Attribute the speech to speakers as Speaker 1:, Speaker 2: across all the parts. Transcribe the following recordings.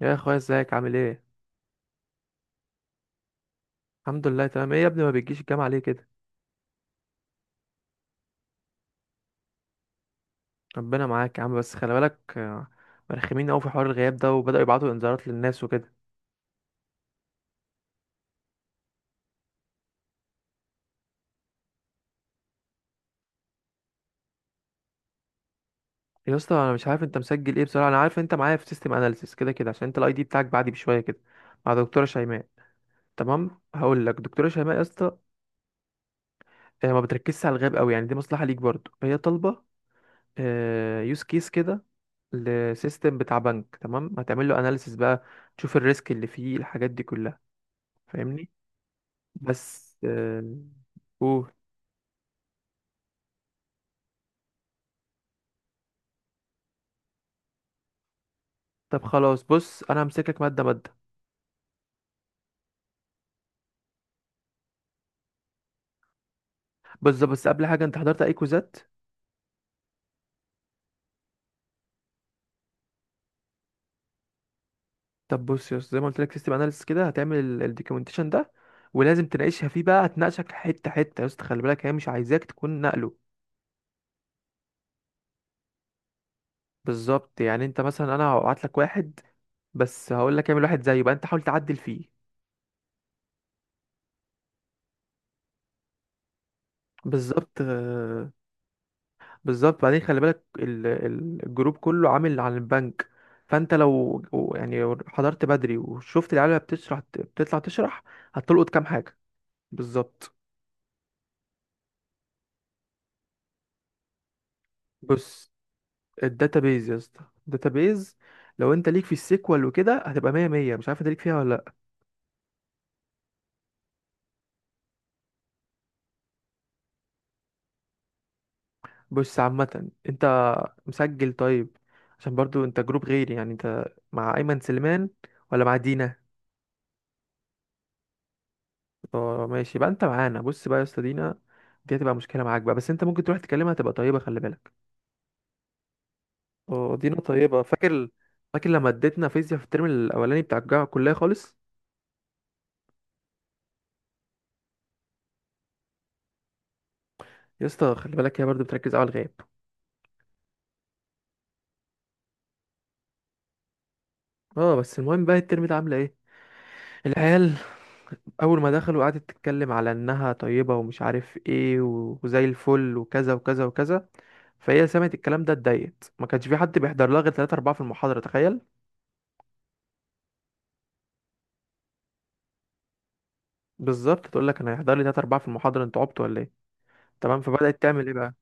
Speaker 1: يا اخويا ازيك عامل ايه؟ الحمد لله تمام. ايه يا ابني ما بتجيش الجامعه ليه كده؟ ربنا معاك يا عم، بس خلي بالك. مرخمين قوي في حوار الغياب ده، وبداوا يبعتوا انذارات للناس وكده. يا اسطى انا مش عارف انت مسجل ايه بصراحه، انا عارف انت معايا في سيستم اناليسيس كده عشان انت الاي دي بتاعك بعدي بشويه كده، مع دكتوره شيماء. تمام هقول لك دكتوره شيماء يا اسطى. ما بتركزش على الغياب قوي، يعني دي مصلحه ليك برضه. هي طالبه يوز كيس كده لسيستم بتاع بنك، تمام؟ هتعمل له اناليسيس بقى، تشوف الريسك اللي فيه الحاجات دي كلها، فاهمني؟ بس قول. طب خلاص، بص انا همسكك ماده ماده. بص بس قبل حاجه، انت حضرت اي كوزات؟ طب بص يا أسطى، زي ما قلت لك سيستم اناليسيس كده هتعمل الدوكيومنتيشن ده، ولازم تناقشها فيه بقى. هتناقشك حته حته يا اسطى، خلي بالك هي مش عايزاك تكون نقله. بالظبط، يعني انت مثلا انا هبعت لك واحد، بس هقول لك اعمل واحد زيه بقى، انت حاول تعدل فيه. بالظبط. بالظبط، بعدين خلي بالك الجروب كله عامل عن البنك. فانت لو يعني حضرت بدري وشفت العيال وهي بتشرح، بتطلع تشرح هتلقط كام حاجه. بالظبط. بص، الداتابيز يا اسطى، الداتابيز، لو انت ليك في السيكوال وكده هتبقى مية مية. مش عارف انت ليك فيها ولا لا. بص عامه انت مسجل طيب، عشان برضو انت جروب غيري. يعني انت مع ايمن سليمان ولا مع دينا؟ اه ماشي بقى، انت معانا. بص بقى يا اسطى، دينا دي هتبقى مشكله معاك بقى، بس انت ممكن تروح تكلمها، تبقى طيبه خلي بالك. اه دي نقطة طيبة. فاكر؟ فاكر لما اديتنا فيزياء في الترم الأولاني بتاع الجامعة الكلية خالص؟ يا اسطى خلي بالك هي برضه بتركز على الغياب. اه بس المهم بقى، الترم ده عاملة ايه العيال؟ أول ما دخلوا قعدت تتكلم على إنها طيبة ومش عارف ايه، وزي الفل وكذا وكذا وكذا. فهي سمعت الكلام ده اتضايقت، ما كانش في حد بيحضر لها غير 3 4 في المحاضرة، تخيل. بالظبط، تقول لك أنا هيحضر لي 3 4 في المحاضرة، انتوا عبطوا ولا ايه؟ تمام، فبدأت تعمل ايه بقى.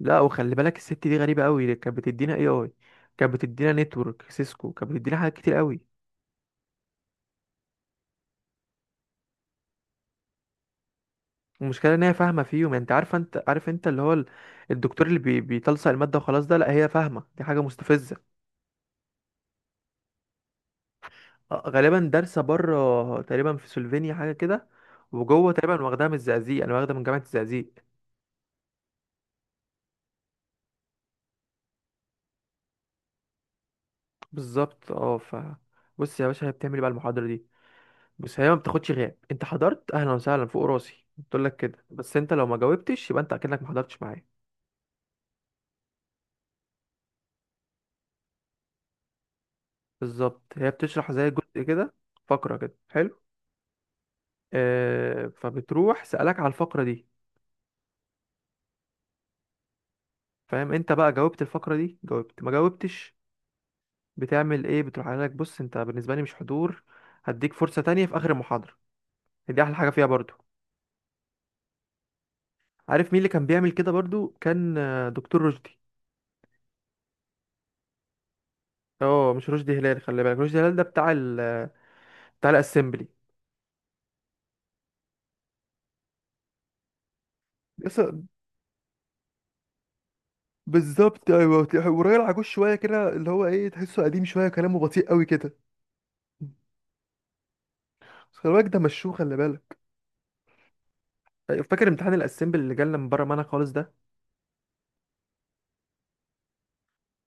Speaker 1: لا وخلي بالك الست دي غريبه قوي، كانت بتدينا اي اي، كانت بتدينا نتورك سيسكو، كانت بتدينا حاجات كتير قوي. المشكله ان هي فاهمه فيهم، يعني انت عارفه، انت عارف انت اللي هو الدكتور اللي بيتلصق الماده وخلاص ده؟ لا هي فاهمه، دي حاجه مستفزه. غالبا دارسه بره، تقريبا في سلوفينيا حاجه كده، وجوه تقريبا واخداها من الزقازيق، انا واخده من جامعه الزقازيق. بالظبط. اه ف، بص يا باشا هي بتعمل إيه بقى المحاضره دي. بص هي ما بتاخدش غياب، انت حضرت اهلا وسهلا فوق راسي بتقول لك كده، بس انت لو ما جاوبتش يبقى انت اكنك ما حضرتش معايا. بالظبط، هي بتشرح زي جزء كده، فقرة كده، حلو. آه فبتروح سألك على الفقرة دي، فاهم؟ انت بقى جاوبت الفقرة دي، جاوبت ما جاوبتش، بتعمل ايه؟ بتروح قايل لك بص انت بالنسبة لي مش حضور، هديك فرصة تانية في آخر المحاضرة. دي أحلى حاجة فيها برضو. عارف مين اللي كان بيعمل كده برضو؟ كان دكتور رشدي. اه مش رشدي هلال، خلي بالك. رشدي هلال ده بتاع ال، بتاع الاسمبلي. يس. بالظبط، ايوه، وراجل عجوز شويه كده، اللي هو ايه، تحسه قديم شويه وكلامه بطيء قوي كده. بس خلي بالك ده مشوه، خلي بالك. أيوة، فاكر امتحان الاسمبل اللي جالنا من بره معانا خالص ده؟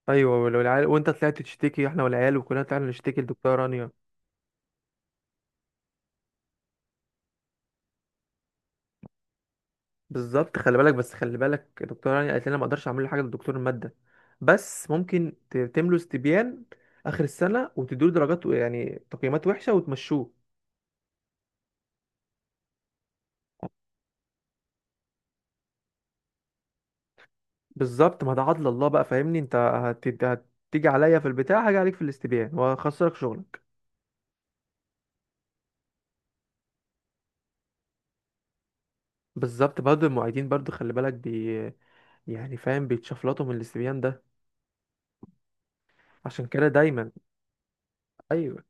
Speaker 1: ايوه، ولو العيال وانت طلعت تشتكي، احنا والعيال وكلنا طلعنا نشتكي لدكتوره رانيا. بالظبط خلي بالك، بس خلي بالك دكتوره رانيا قالت لنا ما اقدرش اعمل له حاجه لدكتور الماده، بس ممكن تملوا استبيان اخر السنه، وتدوا له درجات يعني تقييمات وحشه وتمشوه. بالظبط. ما ده عدل الله بقى فاهمني. انت هتيجي عليا في البتاع، هاجي عليك في الاستبيان وهخسرك شغلك. بالظبط. برضه المعيدين برضه خلي بالك يعني، فاهم، بيتشفلطوا من الاستبيان ده. عشان كده دايما ايوه.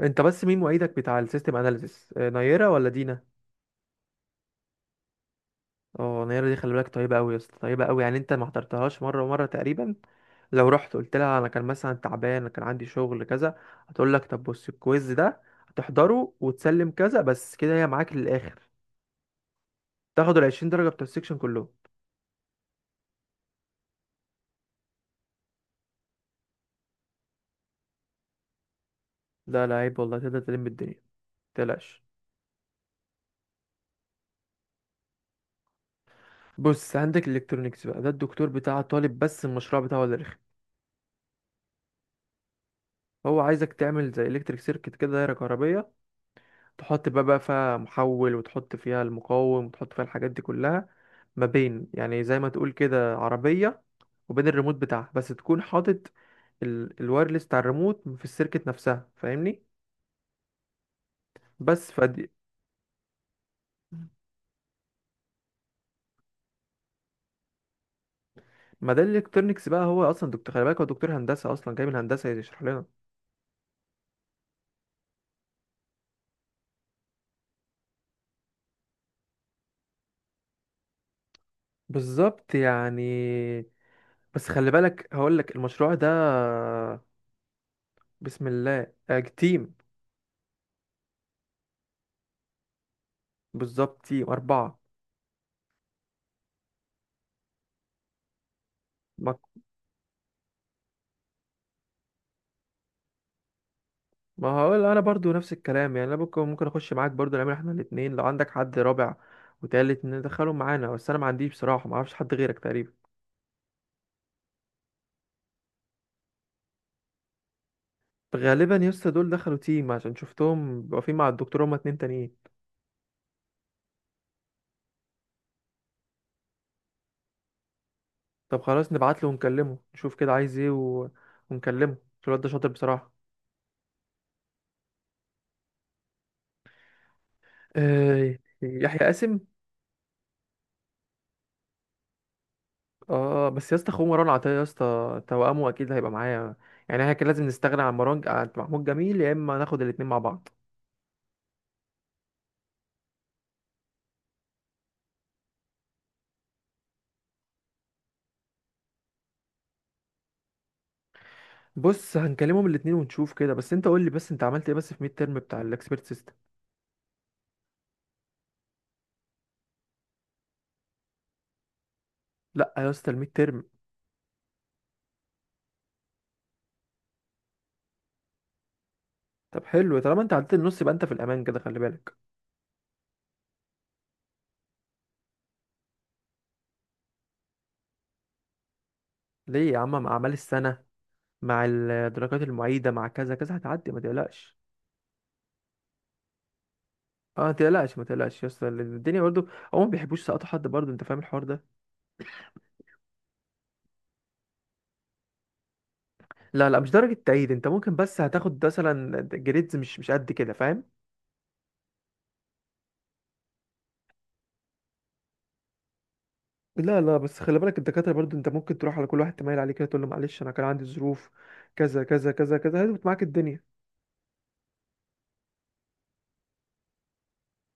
Speaker 1: انت بس مين معيدك بتاع السيستم اناليسيس؟ نيرة ولا دينا؟ اه نيرة دي خلي بالك طيبة قوي يا اسطى، طيبة قوي. يعني انت ما حضرتهاش مرة ومرة تقريبا، لو رحت قلت لها انا كان مثلا تعبان، انا كان عندي شغل كذا، هتقول لك طب بص الكويز ده هتحضره وتسلم كذا بس كده، هي معاك للاخر. تاخد ال 20 درجة بتوع السكشن كلهم. ده لا عيب والله، تقدر تلم الدنيا، متقلقش. بص عندك الالكترونيكس بقى، ده الدكتور بتاع طالب، بس المشروع بتاعه اللي رخم. هو عايزك تعمل زي الكتريك سيركت كده، دايره كهربيه، تحط بقى فيها محول، وتحط فيها المقاوم، وتحط فيها الحاجات دي كلها، ما بين يعني زي ما تقول كده عربية وبين الريموت بتاعها، بس تكون حاطط الوايرلس بتاع الريموت في السيركت نفسها، فاهمني؟ بس فدي، ما ده الالكترونكس بقى. هو اصلا دكتور خلي بالك، هو دكتور هندسه اصلا جاي من هندسه يشرح لنا. بالظبط يعني. بس خلي بالك هقول لك المشروع ده، بسم الله، تيم. بالظبط، تيم اربعه. ما هقول انا برضو نفس الكلام، يعني انا ممكن اخش معاك برضو، نعمل احنا الاتنين، لو عندك حد رابع وتالت ندخلهم معانا، بس انا ما عنديش بصراحه، ما اعرفش حد غيرك تقريبا. غالبا يسطا دول دخلوا تيم، عشان شفتهم بيبقوا واقفين مع الدكتور، هما اتنين تانيين. طب خلاص نبعت له ونكلمه، نشوف كده عايز ايه و، ونكلمه، عشان الواد ده شاطر بصراحه. آه، يحيى قاسم. اه بس يا اسطى، اخوه مروان عطيه يا اسطى، توأمه، اكيد هيبقى معايا. يعني احنا كان لازم نستغنى عن مروان عن محمود جميل، يا اما ناخد الاتنين مع بعض. بص هنكلمهم الاتنين ونشوف كده. بس انت قول لي بس، انت عملت ايه بس في ميد ترم بتاع الاكسبيرت سيستم؟ لا يا اسطى الميد ترم. طب حلو، طالما انت عديت النص يبقى انت في الامان كده، خلي بالك. ليه يا عم، مع اعمال السنه، مع الدرجات المعيده، مع كذا كذا، هتعدي ما تقلقش. اه ما تقلقش، ما تقلقش يا اسطى، لأن الدنيا برضو، هما ما بيحبوش يسقطوا حد برضو، انت فاهم الحوار ده. لا لا مش درجه تعيين، انت ممكن بس هتاخد مثلا جريدز مش قد كده، فاهم؟ لا لا بس خلي بالك الدكاتره برضو، انت ممكن تروح على كل واحد تميل عليه كده تقول له معلش انا كان عندي ظروف كذا كذا كذا كذا، هتظبط معاك الدنيا.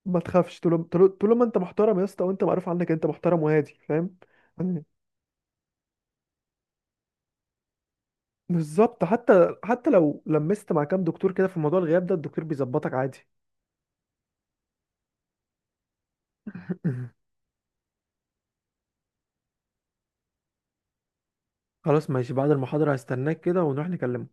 Speaker 1: ما تخافش، طول طول طول ما انت محترم يا اسطى، وانت معروف عنك انت محترم وهادي، فاهم؟ يعني بالظبط، حتى حتى لو لمست مع كام دكتور كده في موضوع الغياب ده الدكتور بيظبطك عادي. خلاص ماشي، بعد المحاضرة هستناك كده ونروح نكلم.